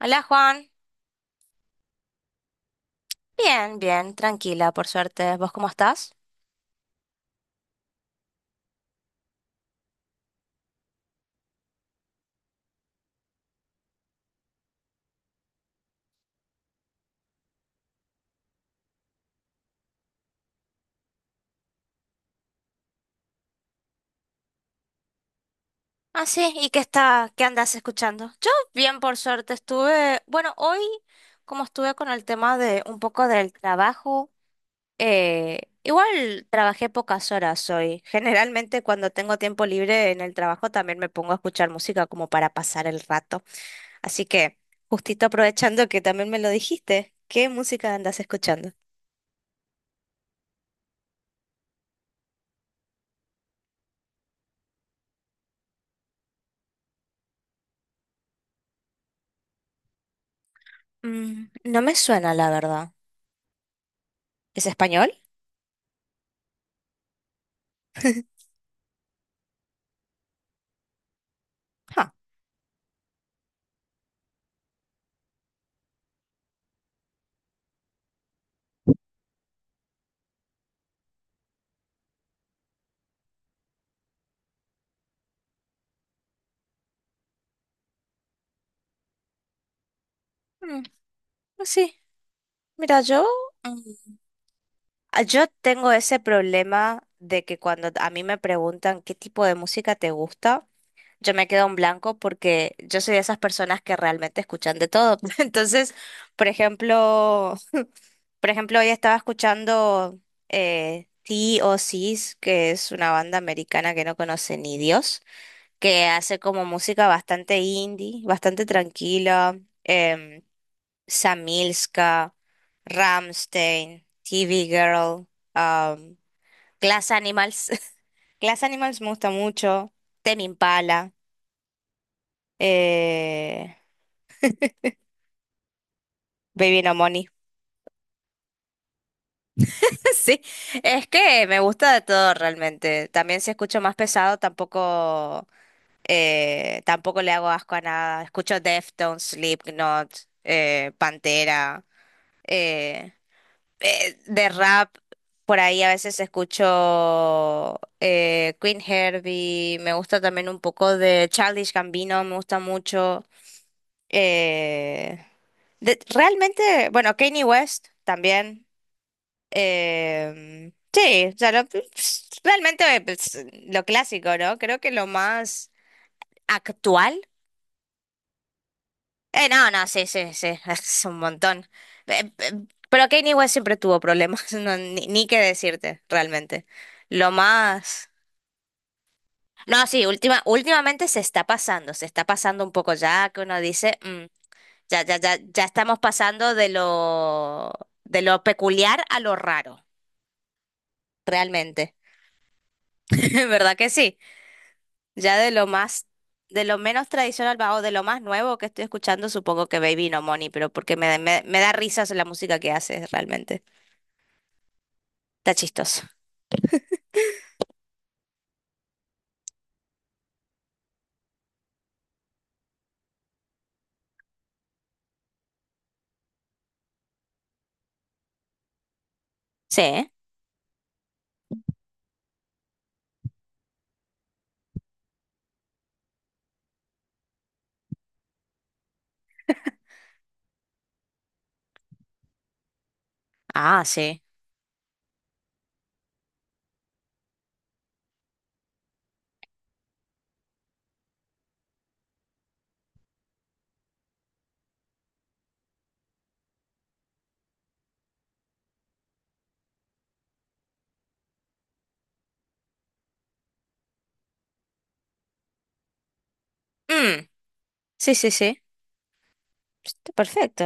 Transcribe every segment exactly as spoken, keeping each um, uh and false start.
Hola Juan, bien, bien, tranquila, por suerte. ¿Vos cómo estás? Ah, sí, ¿y qué está, qué andas escuchando? Yo bien, por suerte, estuve, bueno, hoy como estuve con el tema de un poco del trabajo, eh, igual trabajé pocas horas hoy. Generalmente cuando tengo tiempo libre en el trabajo también me pongo a escuchar música como para pasar el rato. Así que, justito aprovechando que también me lo dijiste, ¿qué música andas escuchando? Mm, no me suena, la verdad. ¿Es español? Ah, mm, pues sí. Mira, yo, mm, ah, yo tengo ese problema de que cuando a mí me preguntan qué tipo de música te gusta, yo me quedo en blanco porque yo soy de esas personas que realmente escuchan de todo. Entonces, por ejemplo, por ejemplo, hoy estaba escuchando eh, T O.Cs, que es una banda americana que no conoce ni Dios, que hace como música bastante indie, bastante tranquila. em, Samilska, Rammstein, T V Girl, um, Glass Animals. Glass Animals me gusta mucho. Tame Impala, eh, Baby No Money. Sí, es que me gusta de todo realmente. También si escucho más pesado, tampoco, eh, tampoco le hago asco a nada. Escucho Deftones, Slipknot, eh, Pantera. eh, eh, de rap, por ahí a veces escucho eh, Queen Herbie, me gusta también un poco de Childish Gambino, me gusta mucho. eh, de- realmente, bueno, Kanye West también. em, sí, o sea, lo- pues, realmente pues, lo clásico, ¿no? Creo que lo más actual. Eh, no, no, sí, sí, sí, es un montón. Eh, eh, pero Kanye West siempre tuvo problemas, no, ni, ni qué decirte, realmente. Lo más. No, sí, última, últimamente se está pasando, se está pasando un poco ya, que uno dice, mm, ya, ya, ya, ya estamos pasando de lo, de lo peculiar a lo raro, realmente. ¿Verdad que sí? Ya de lo más, de lo menos tradicional va, o de lo más nuevo que estoy escuchando, supongo que Baby No Money, pero porque me, me, me da risas la música que hace, realmente. Está chistoso. Sí. Ah, sí. Mm, sí, sí, sí. Está perfecto.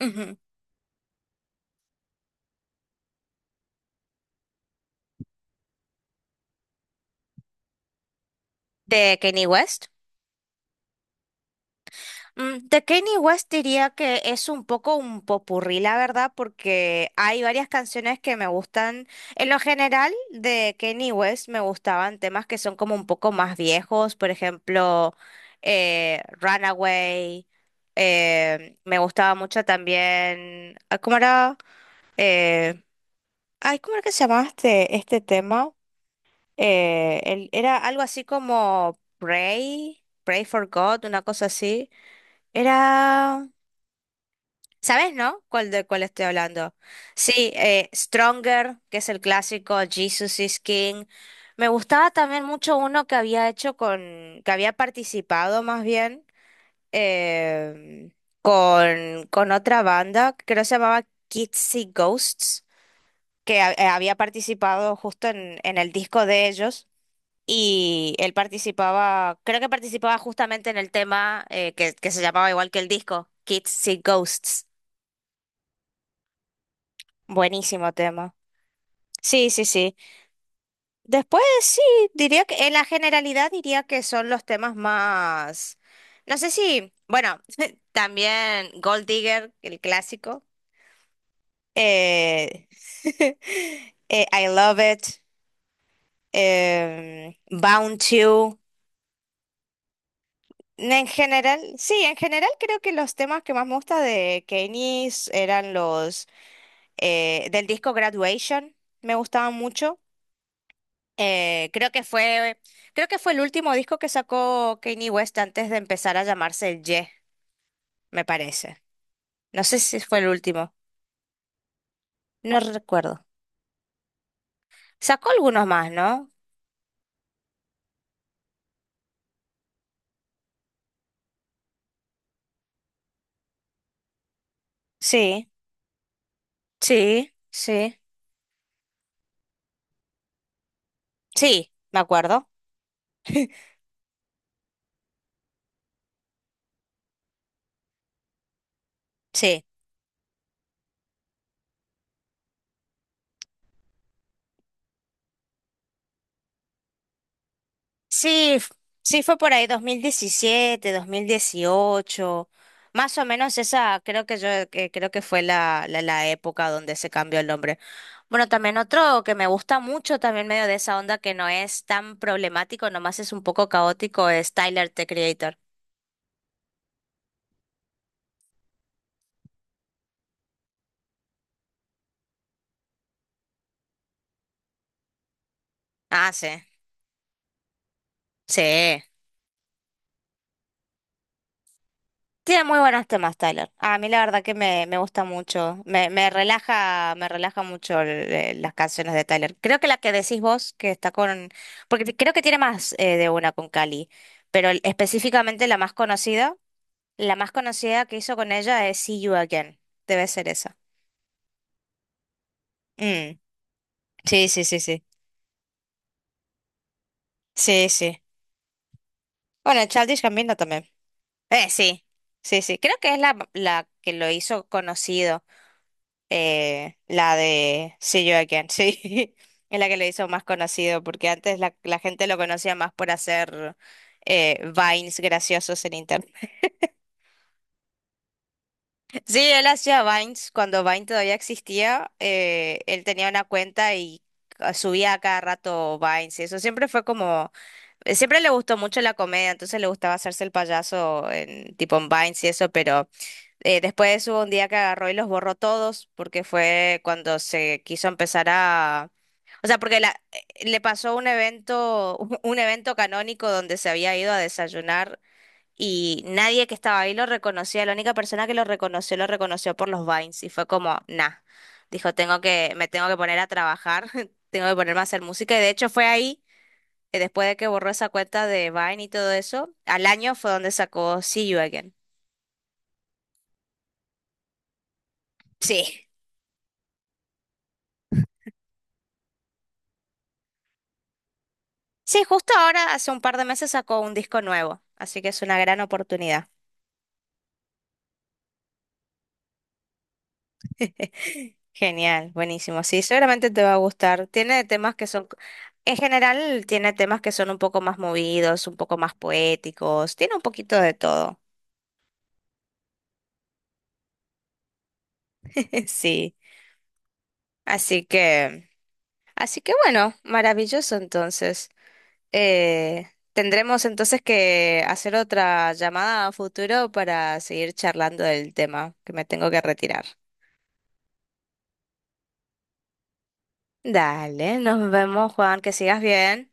Ujú. ¿De Kanye West? Mm, De Kanye West diría que es un poco un popurrí, la verdad, porque hay varias canciones que me gustan. En lo general, de Kanye West me gustaban temas que son como un poco más viejos, por ejemplo, eh, Runaway. eh, me gustaba mucho también. ah, ¿Cómo era? Eh, ay, ¿cómo era que se llamaba este, este tema? Eh, el- era algo así como Pray, Pray for God, una cosa así. Era, ¿sabes, no? ¿Cuál de cuál estoy hablando? Sí, eh, Stronger, que es el clásico, Jesus is King. Me gustaba también mucho uno que había hecho con, que había participado más bien em, con, con otra banda, que creo que se llamaba Kids See Ghosts, que ha- eh, había participado justo en en el disco de ellos. Y él participaba, creo que participaba justamente en el tema eh, que, que se llamaba igual que el disco, Kids See Ghosts. Buenísimo tema. Sí, sí, sí. Después sí, diría que en la generalidad diría que son los temas más. No sé si, bueno, también Gold Digger, el clásico. eh, eh, I Love It. em, Bound to. En general, sí, en general creo que los temas que más me gusta de Kenny's eran los eh, del disco Graduation, me gustaban mucho. Eh, creo que fue, creo que fue el último disco que sacó Kanye West antes de empezar a llamarse el Ye, me parece. No sé si fue el último, no recuerdo. Sacó algunos más, ¿no? Sí, sí, sí. Sí, me acuerdo. Sí. Sí, f- sí fue por ahí dos dos mil diecisiete, dos mil dieciocho, más o menos esa creo que yo que creo que fue la, la, la época donde se cambió el nombre. Bueno, también otro que me gusta mucho, también medio de esa onda que no es tan problemático, nomás es un poco caótico, es Tyler, The Creator. Ah, sí, sí. Tiene muy buenos temas, Tyler. A mí la verdad que me, me gusta mucho. Me, me relaja, me relaja mucho el- eh, las canciones de Tyler. Creo que la que decís vos, que está con. Porque te- creo que tiene más eh, de una con Cali, pero el- específicamente la más conocida, la más conocida que hizo con ella es See You Again. Debe ser esa. Mm, sí, sí, sí, sí. Sí, sí. Bueno, Childish Gambino también. Eh, sí. Sí, sí. Creo que es la, la que lo hizo conocido. eh, la de See You Again, sí, es la que le hizo más conocido, porque antes la, la gente lo conocía más por hacer eh, Vines graciosos en internet. Sí, él hacía Vines, cuando Vine todavía existía, eh, él tenía una cuenta y ca- subía a cada rato Vines, y eso siempre fue como, eh, siempre le gustó mucho la comedia, entonces le gustaba hacerse el payaso en tipo en Vines y eso, pero. Eh, después hubo un día que agarró y los borró todos, porque fue cuando se quiso empezar a. O sea, porque la- eh, le pasó un evento, un evento canónico donde se había ido a desayunar y nadie que estaba ahí lo reconocía. La única persona que lo reconoció, lo reconoció por los Vines y fue como, nah, dijo, tengo que, me tengo que poner a trabajar, tengo que ponerme a hacer música. Y de hecho fue ahí, eh, después de que borró esa cuenta de Vine y todo eso, al año fue donde sacó See You Again. Sí. Sí, justo ahora, hace un par de meses sacó un disco nuevo, así que es una gran oportunidad. Genial, buenísimo. Sí, seguramente te va a gustar. Tiene temas que son, en general, tiene temas que son un poco más movidos, un poco más poéticos, tiene un poquito de todo. Sí, así que, así que, bueno, maravilloso entonces. Eh, tendremos entonces que hacer otra llamada a futuro para seguir charlando del tema, que me tengo que retirar. Dale, nos vemos, Juan, que sigas bien.